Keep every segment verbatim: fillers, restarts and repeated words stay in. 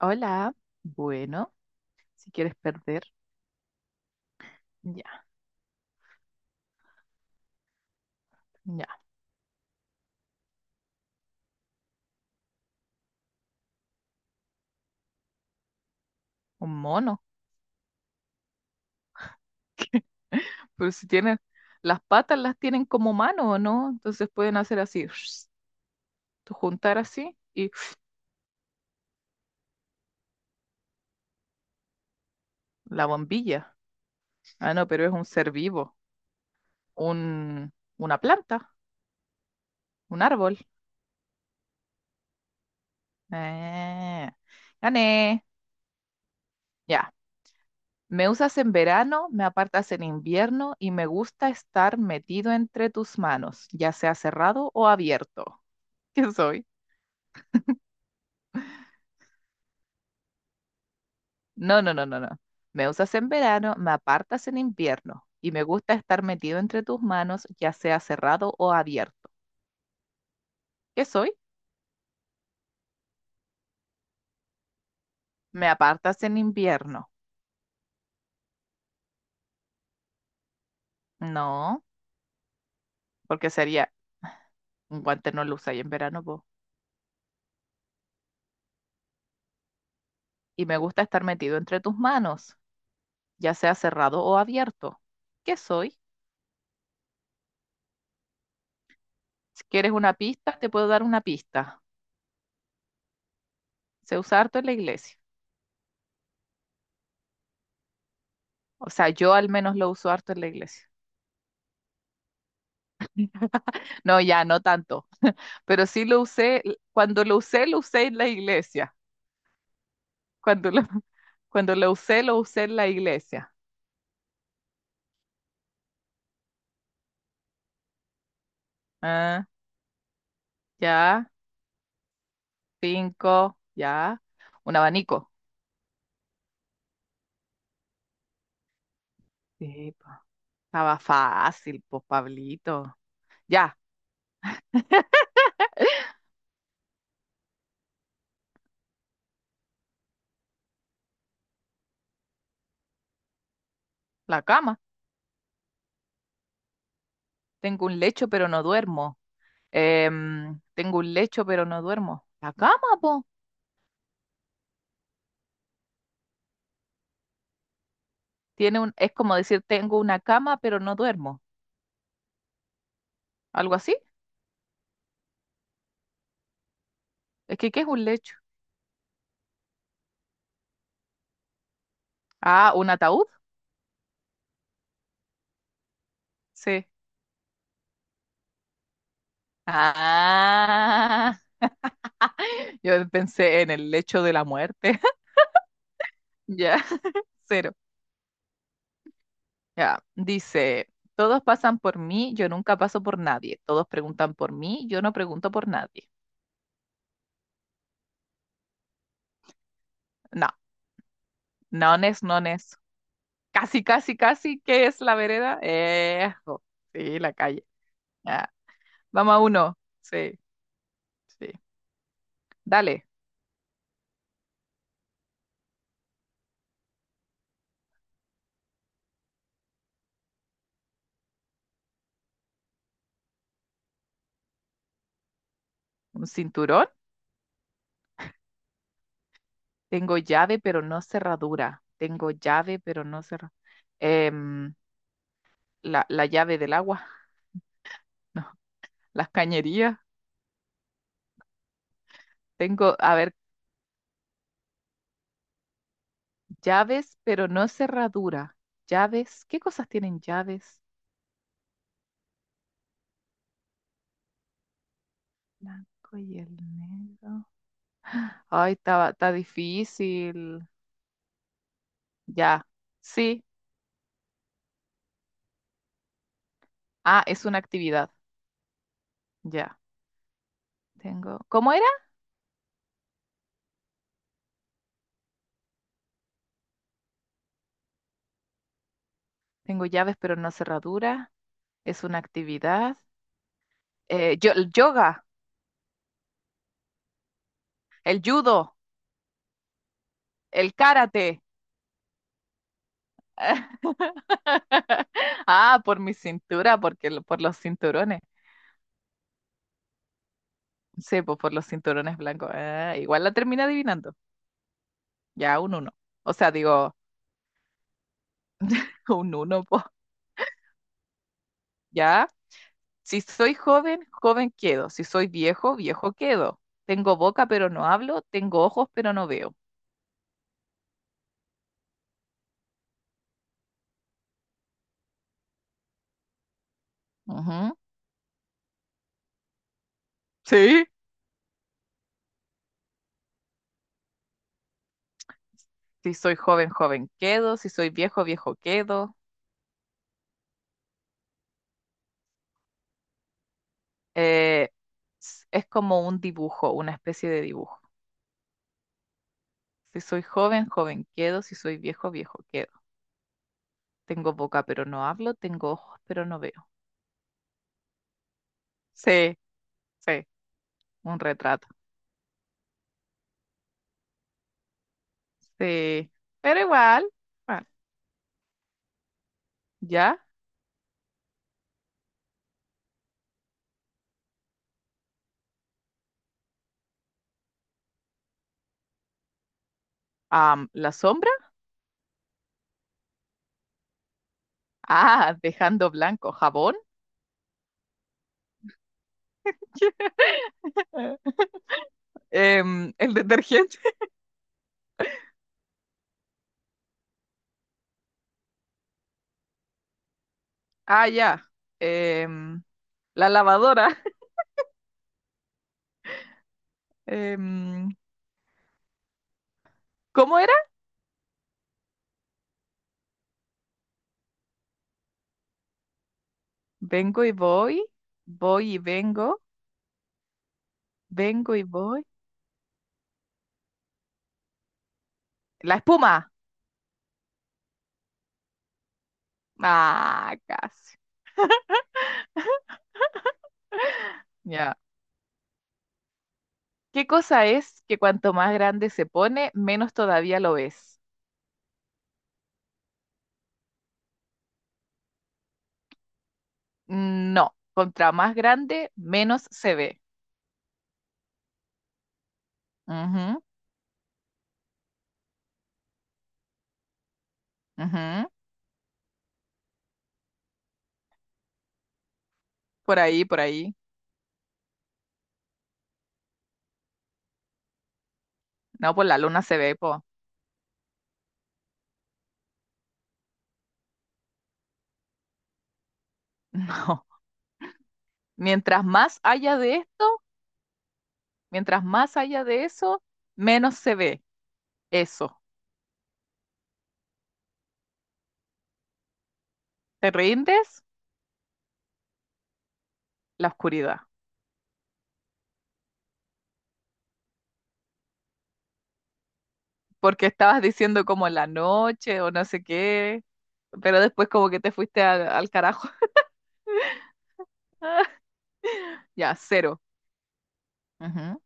Hola, bueno, si quieres perder, ya, ya, un mono. Pero si tienen, las patas las tienen como mano, ¿o no? Entonces pueden hacer así, tú juntar así y la bombilla. Ah, no, pero es un ser vivo, un, una planta, un árbol. Eh, gané, ya. Me usas en verano, me apartas en invierno y me gusta estar metido entre tus manos, ya sea cerrado o abierto. ¿Qué soy? No, no, no, no, no. Me usas en verano, me apartas en invierno y me gusta estar metido entre tus manos, ya sea cerrado o abierto. ¿Qué soy? Me apartas en invierno. No, porque sería un guante no lo usáis en verano, po. Y me gusta estar metido entre tus manos, ya sea cerrado o abierto. ¿Qué soy? Si quieres una pista, te puedo dar una pista. Se usa harto en la iglesia. O sea, yo al menos lo uso harto en la iglesia. No, ya, no tanto. Pero sí lo usé, cuando lo usé, lo usé en la iglesia. Cuando lo, cuando lo usé, lo usé en la iglesia. Ah, ya, cinco, ya. Un abanico. Sí, po. Estaba fácil, pues, Pablito. Ya, la cama. Tengo un lecho, pero no duermo. Em, tengo un lecho, pero no duermo. La cama, po. Tiene un, es como decir, tengo una cama, pero no duermo. Algo así. Es que, ¿qué es un lecho? Ah, un ataúd. Sí. Ah, yo pensé en el lecho de la muerte. Ya, cero. Ya, dice, todos pasan por mí, yo nunca paso por nadie. Todos preguntan por mí, yo no pregunto por nadie. No, nones, nones. Casi, casi, casi, ¿qué es la vereda? Ejo, sí, la calle. Ya, Vamos a uno. Sí, sí. Dale, un cinturón. Tengo llave, pero no cerradura. Tengo llave, pero no cerradura. la, la llave del agua. No, las cañerías. Tengo, a ver, Llaves, pero no cerradura. Llaves, ¿qué cosas tienen llaves? Blanco y el negro. Ay, está, está difícil. Ya. Sí. Ah, es una actividad. Ya. Tengo. ¿Cómo era? Tengo llaves, pero no cerradura. Es una actividad. Eh, yo- el yoga, el judo, el karate. Ah, por mi cintura, porque lo- por los cinturones. Sí, pues por los cinturones blancos. Ah, igual la termina adivinando. ya un uno. O sea, digo, un uno, po. Ya, si soy joven, joven quedo. Si soy viejo, viejo quedo. Tengo boca, pero no hablo. Tengo ojos, pero no veo. Ujú. Sí. Si soy joven, joven quedo. Si soy viejo, viejo quedo. Eh, s- es como un dibujo, una especie de dibujo. Si soy joven, joven quedo. Si soy viejo, viejo quedo. Tengo boca, pero no hablo. Tengo ojos, pero no veo. Sí, sí, un retrato. Sí, pero igual, bueno, ya. Am, la sombra, ah, dejando blanco, jabón, Em, el detergente, ah, ya, Em, la lavadora, Em, ¿cómo era? Vengo y voy, voy y vengo, vengo y voy, la espuma, ah, casi, ya. ¿Qué cosa es que cuanto más grande se pone, menos todavía lo ves? No, contra más grande, menos se ve. Ujú. Ujú, Por ahí, por ahí. No, pues la luna se ve, po. No. Mientras más haya de esto, mientras más haya de eso, menos se ve. Eso. ¿Te rindes? La oscuridad. Porque estabas diciendo como la noche o no sé qué, pero después como que te fuiste al, al carajo. Ya, cero. Ujú.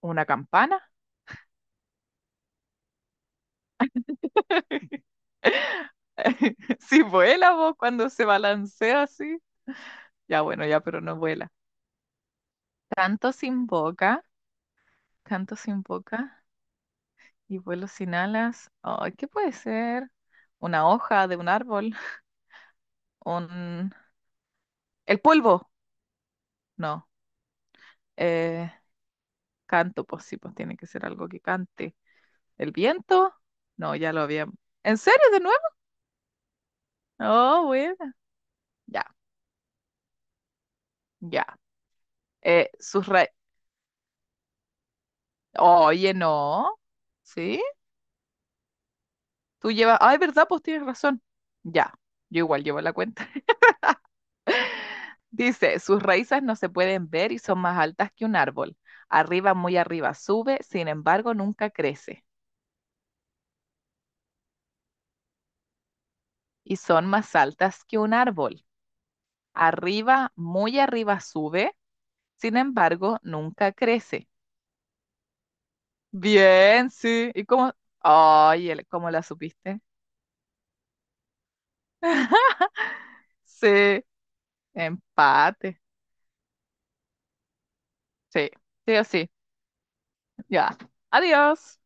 ¿Una campana? Si vuela vos cuando se balancea así. Ya, bueno, ya, pero no vuela. Tanto sin boca, tanto sin boca. Y vuelo sin alas. Ay, ¿qué puede ser? ¿Una hoja de un árbol? ¿Un... ¿El polvo? No. Eh, canto, pues sí, pues tiene que ser algo que cante. ¿El viento? No, ya lo había. ¿En serio, de nuevo? Oh, bueno. Ya, ya. Eh, sus ra- Oye, no. ¿Sí? Tú llevas... Ay, ¿verdad? Pues tienes razón. Ya. Yo igual llevo la cuenta. Dice, sus raíces no se pueden ver y son más altas que un árbol. Arriba, muy arriba sube, sin embargo, nunca crece. Y son más altas que un árbol. Arriba, muy arriba sube, sin embargo, nunca crece. Bien, sí. ¿Y cómo? Ay, el- ¿cómo la supiste? Sí, empate. Sí, sí o sí. Ya. Adiós.